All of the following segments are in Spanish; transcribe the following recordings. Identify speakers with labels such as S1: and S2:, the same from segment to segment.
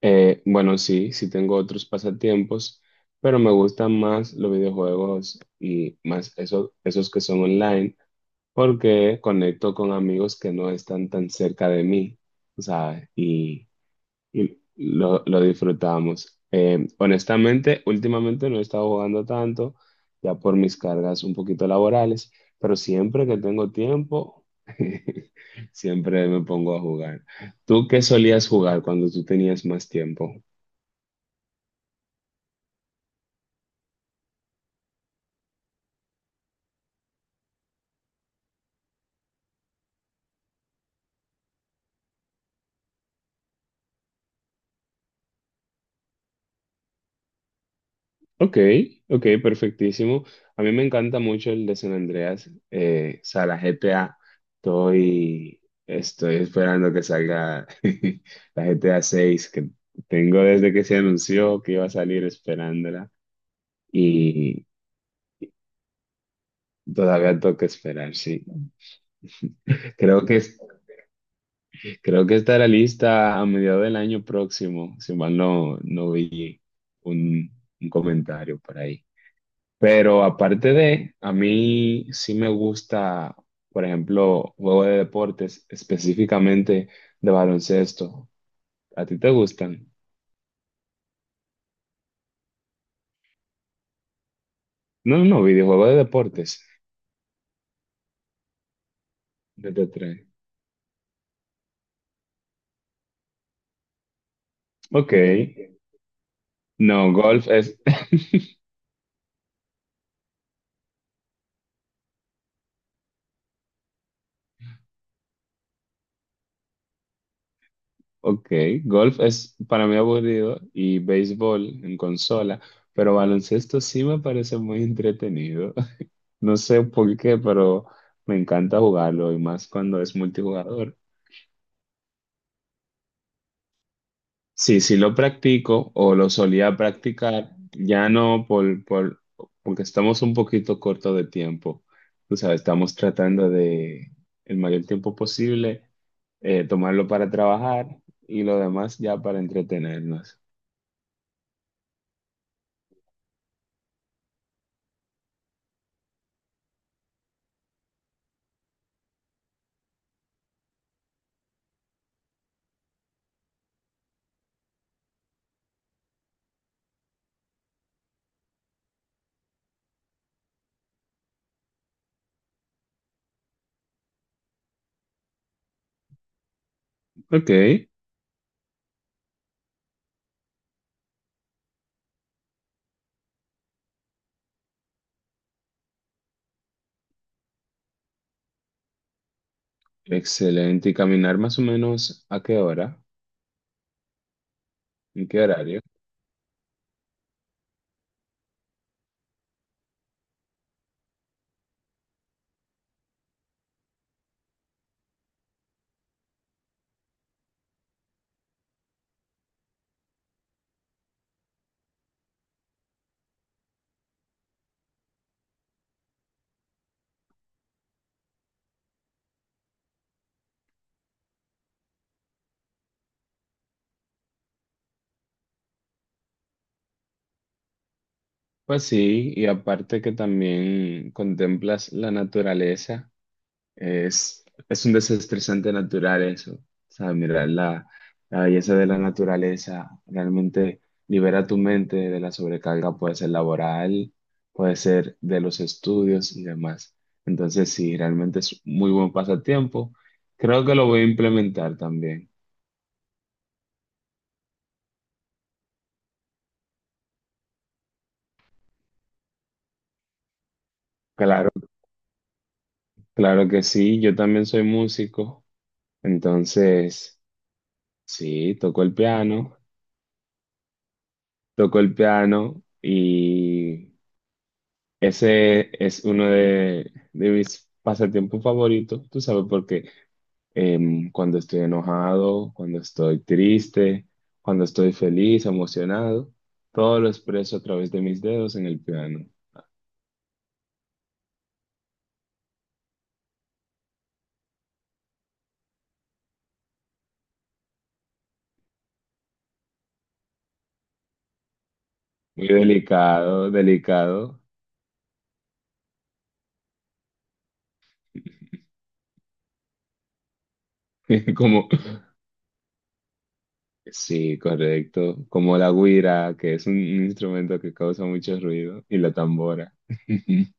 S1: Bueno, sí tengo otros pasatiempos, pero me gustan más los videojuegos y más esos que son online, porque conecto con amigos que no están tan cerca de mí, o sea y lo disfrutamos. Honestamente, últimamente no he estado jugando tanto, ya por mis cargas un poquito laborales, pero siempre que tengo tiempo, siempre me pongo a jugar. ¿Tú qué solías jugar cuando tú tenías más tiempo? Ok, ok, perfectísimo. A mí me encanta mucho el de San Andreas. O sea, la GTA, estoy, estoy esperando que salga la GTA 6, que tengo desde que se anunció que iba a salir esperándola y todavía toca esperar, sí. Creo que, es- Creo que estará lista a mediados del año próximo, si mal no, no vi un, un comentario por ahí. Pero aparte de, a mí sí me gusta, por ejemplo, juego de deportes, específicamente de baloncesto. ¿A ti te gustan? No, no, videojuego de deportes. De T3. Ok. No, golf es. Ok, golf es para mí aburrido y béisbol en consola, pero baloncesto sí me parece muy entretenido. No sé por qué, pero me encanta jugarlo y más cuando es multijugador. Sí, sí lo practico o lo solía practicar, ya no porque estamos un poquito cortos de tiempo. O sea, estamos tratando de el mayor tiempo posible tomarlo para trabajar y lo demás ya para entretenernos. Ok, excelente. ¿Y caminar más o menos a qué hora? ¿En qué horario? Pues sí, y aparte que también contemplas la naturaleza. Es un desestresante natural eso. O sea, mirar la belleza de la naturaleza realmente libera tu mente de la sobrecarga, puede ser laboral, puede ser de los estudios y demás. Entonces, sí, realmente es muy buen pasatiempo. Creo que lo voy a implementar también. Claro, claro que sí. Yo también soy músico. Entonces, sí, toco el piano, toco el piano y Ese es uno de mis pasatiempos favoritos, tú sabes, porque cuando estoy enojado, cuando estoy triste, cuando estoy feliz, emocionado, todo lo expreso a través de mis dedos en el piano. Muy delicado, delicado, como, sí, correcto, como la güira, que es un instrumento que causa mucho ruido, y la tambora.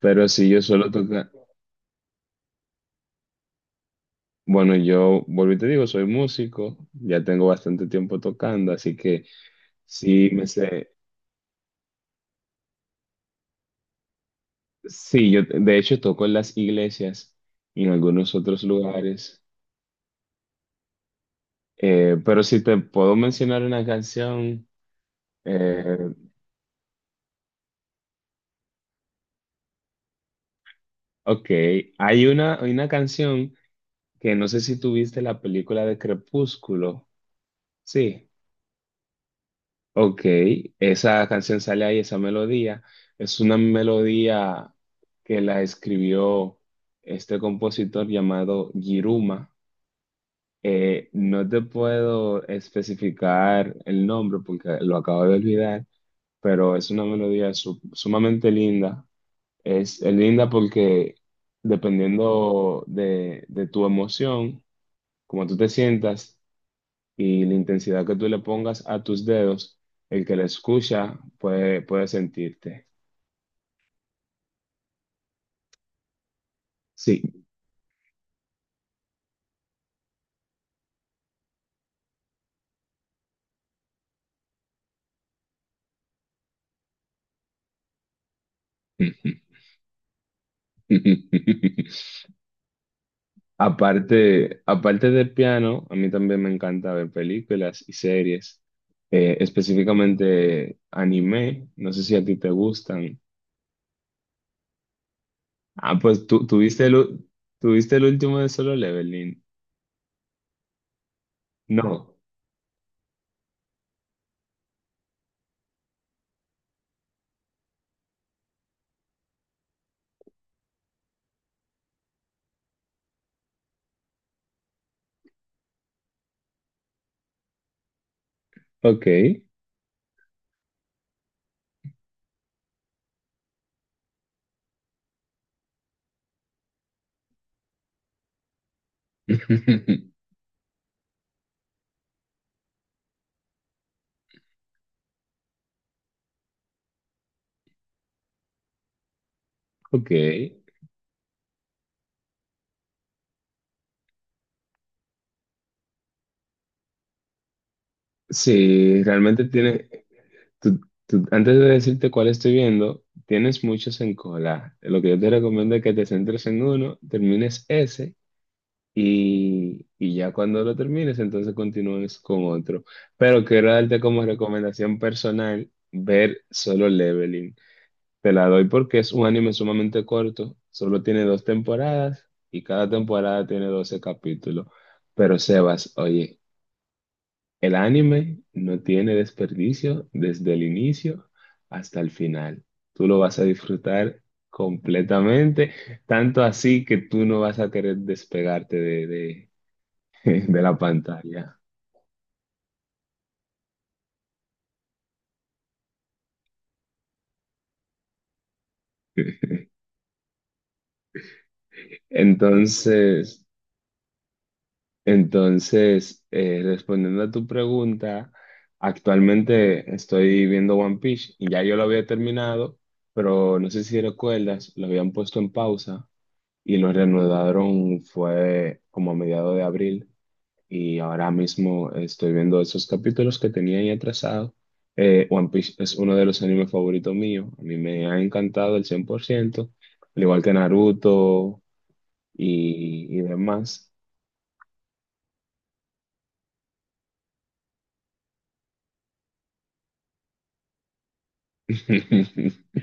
S1: Pero sí, yo suelo tocar. Bueno, yo vuelvo y te digo, soy músico, ya tengo bastante tiempo tocando, así que sí me sé. Sí, yo de hecho toco en las iglesias y en algunos otros lugares. Pero si te puedo mencionar una canción, eh, ok, hay una canción que no sé si tuviste la película de Crepúsculo, sí. Ok, esa canción sale ahí, esa melodía. Es una melodía que la escribió este compositor llamado Giruma. No te puedo especificar el nombre porque lo acabo de olvidar, pero es una melodía sumamente linda. Es linda porque dependiendo de tu emoción, como tú te sientas, y la intensidad que tú le pongas a tus dedos, el que la escucha puede sentirte. Sí. Aparte de piano, a mí también me encanta ver películas y series, específicamente anime. No sé si a ti te gustan. Ah, pues tú tuviste el, tú viste el último de Solo Leveling. No. Ok. Ok. Sí, realmente tiene. Tú- Antes de decirte cuál estoy viendo, tienes muchos en cola. Lo que yo te recomiendo es que te centres en uno, termines ese y ya cuando lo termines, entonces continúes con otro. Pero quiero darte como recomendación personal ver Solo Leveling. Te la doy porque es un anime sumamente corto, solo tiene dos temporadas y cada temporada tiene 12 capítulos. Pero Sebas, oye, el anime no tiene desperdicio desde el inicio hasta el final. Tú lo vas a disfrutar completamente, tanto así que tú no vas a querer despegarte de la pantalla. Entonces, entonces, respondiendo a tu pregunta, actualmente estoy viendo One Piece y ya yo lo había terminado, pero no sé si recuerdas, lo habían puesto en pausa y lo reanudaron fue como a mediados de abril, y ahora mismo estoy viendo esos capítulos que tenía ahí atrasados. One Piece es uno de los animes favoritos míos, a mí me ha encantado el 100% al igual que Naruto y demás.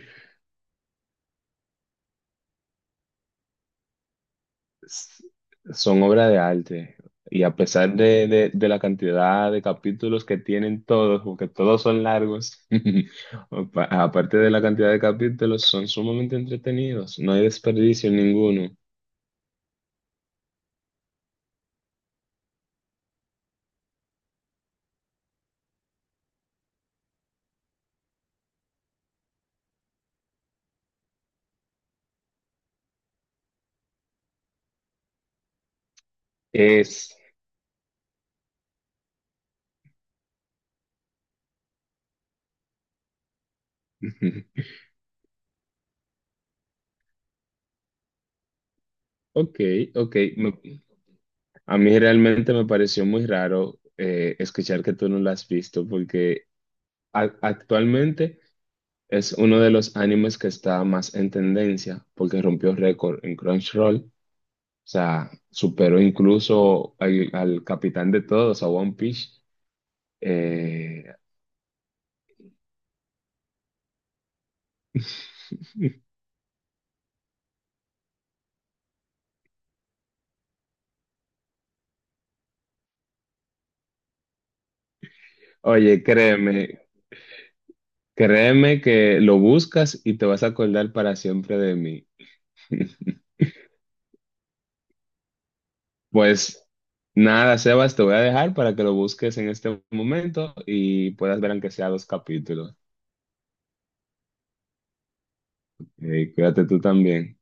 S1: Son obras de arte y a pesar de la cantidad de capítulos que tienen todos, porque todos son largos, aparte de la cantidad de capítulos, son sumamente entretenidos, no hay desperdicio en ninguno. Es... Ok, ok. A mí realmente me pareció muy raro escuchar que tú no la has visto porque actualmente es uno de los animes que está más en tendencia porque rompió récord en Crunchyroll. O sea, superó incluso al capitán de todos, a One Piece. Eh, Oye, créeme, créeme que lo buscas y te vas a acordar para siempre de mí. Pues nada, Sebas, te voy a dejar para que lo busques en este momento y puedas ver aunque sea dos capítulos. Cuídate tú también.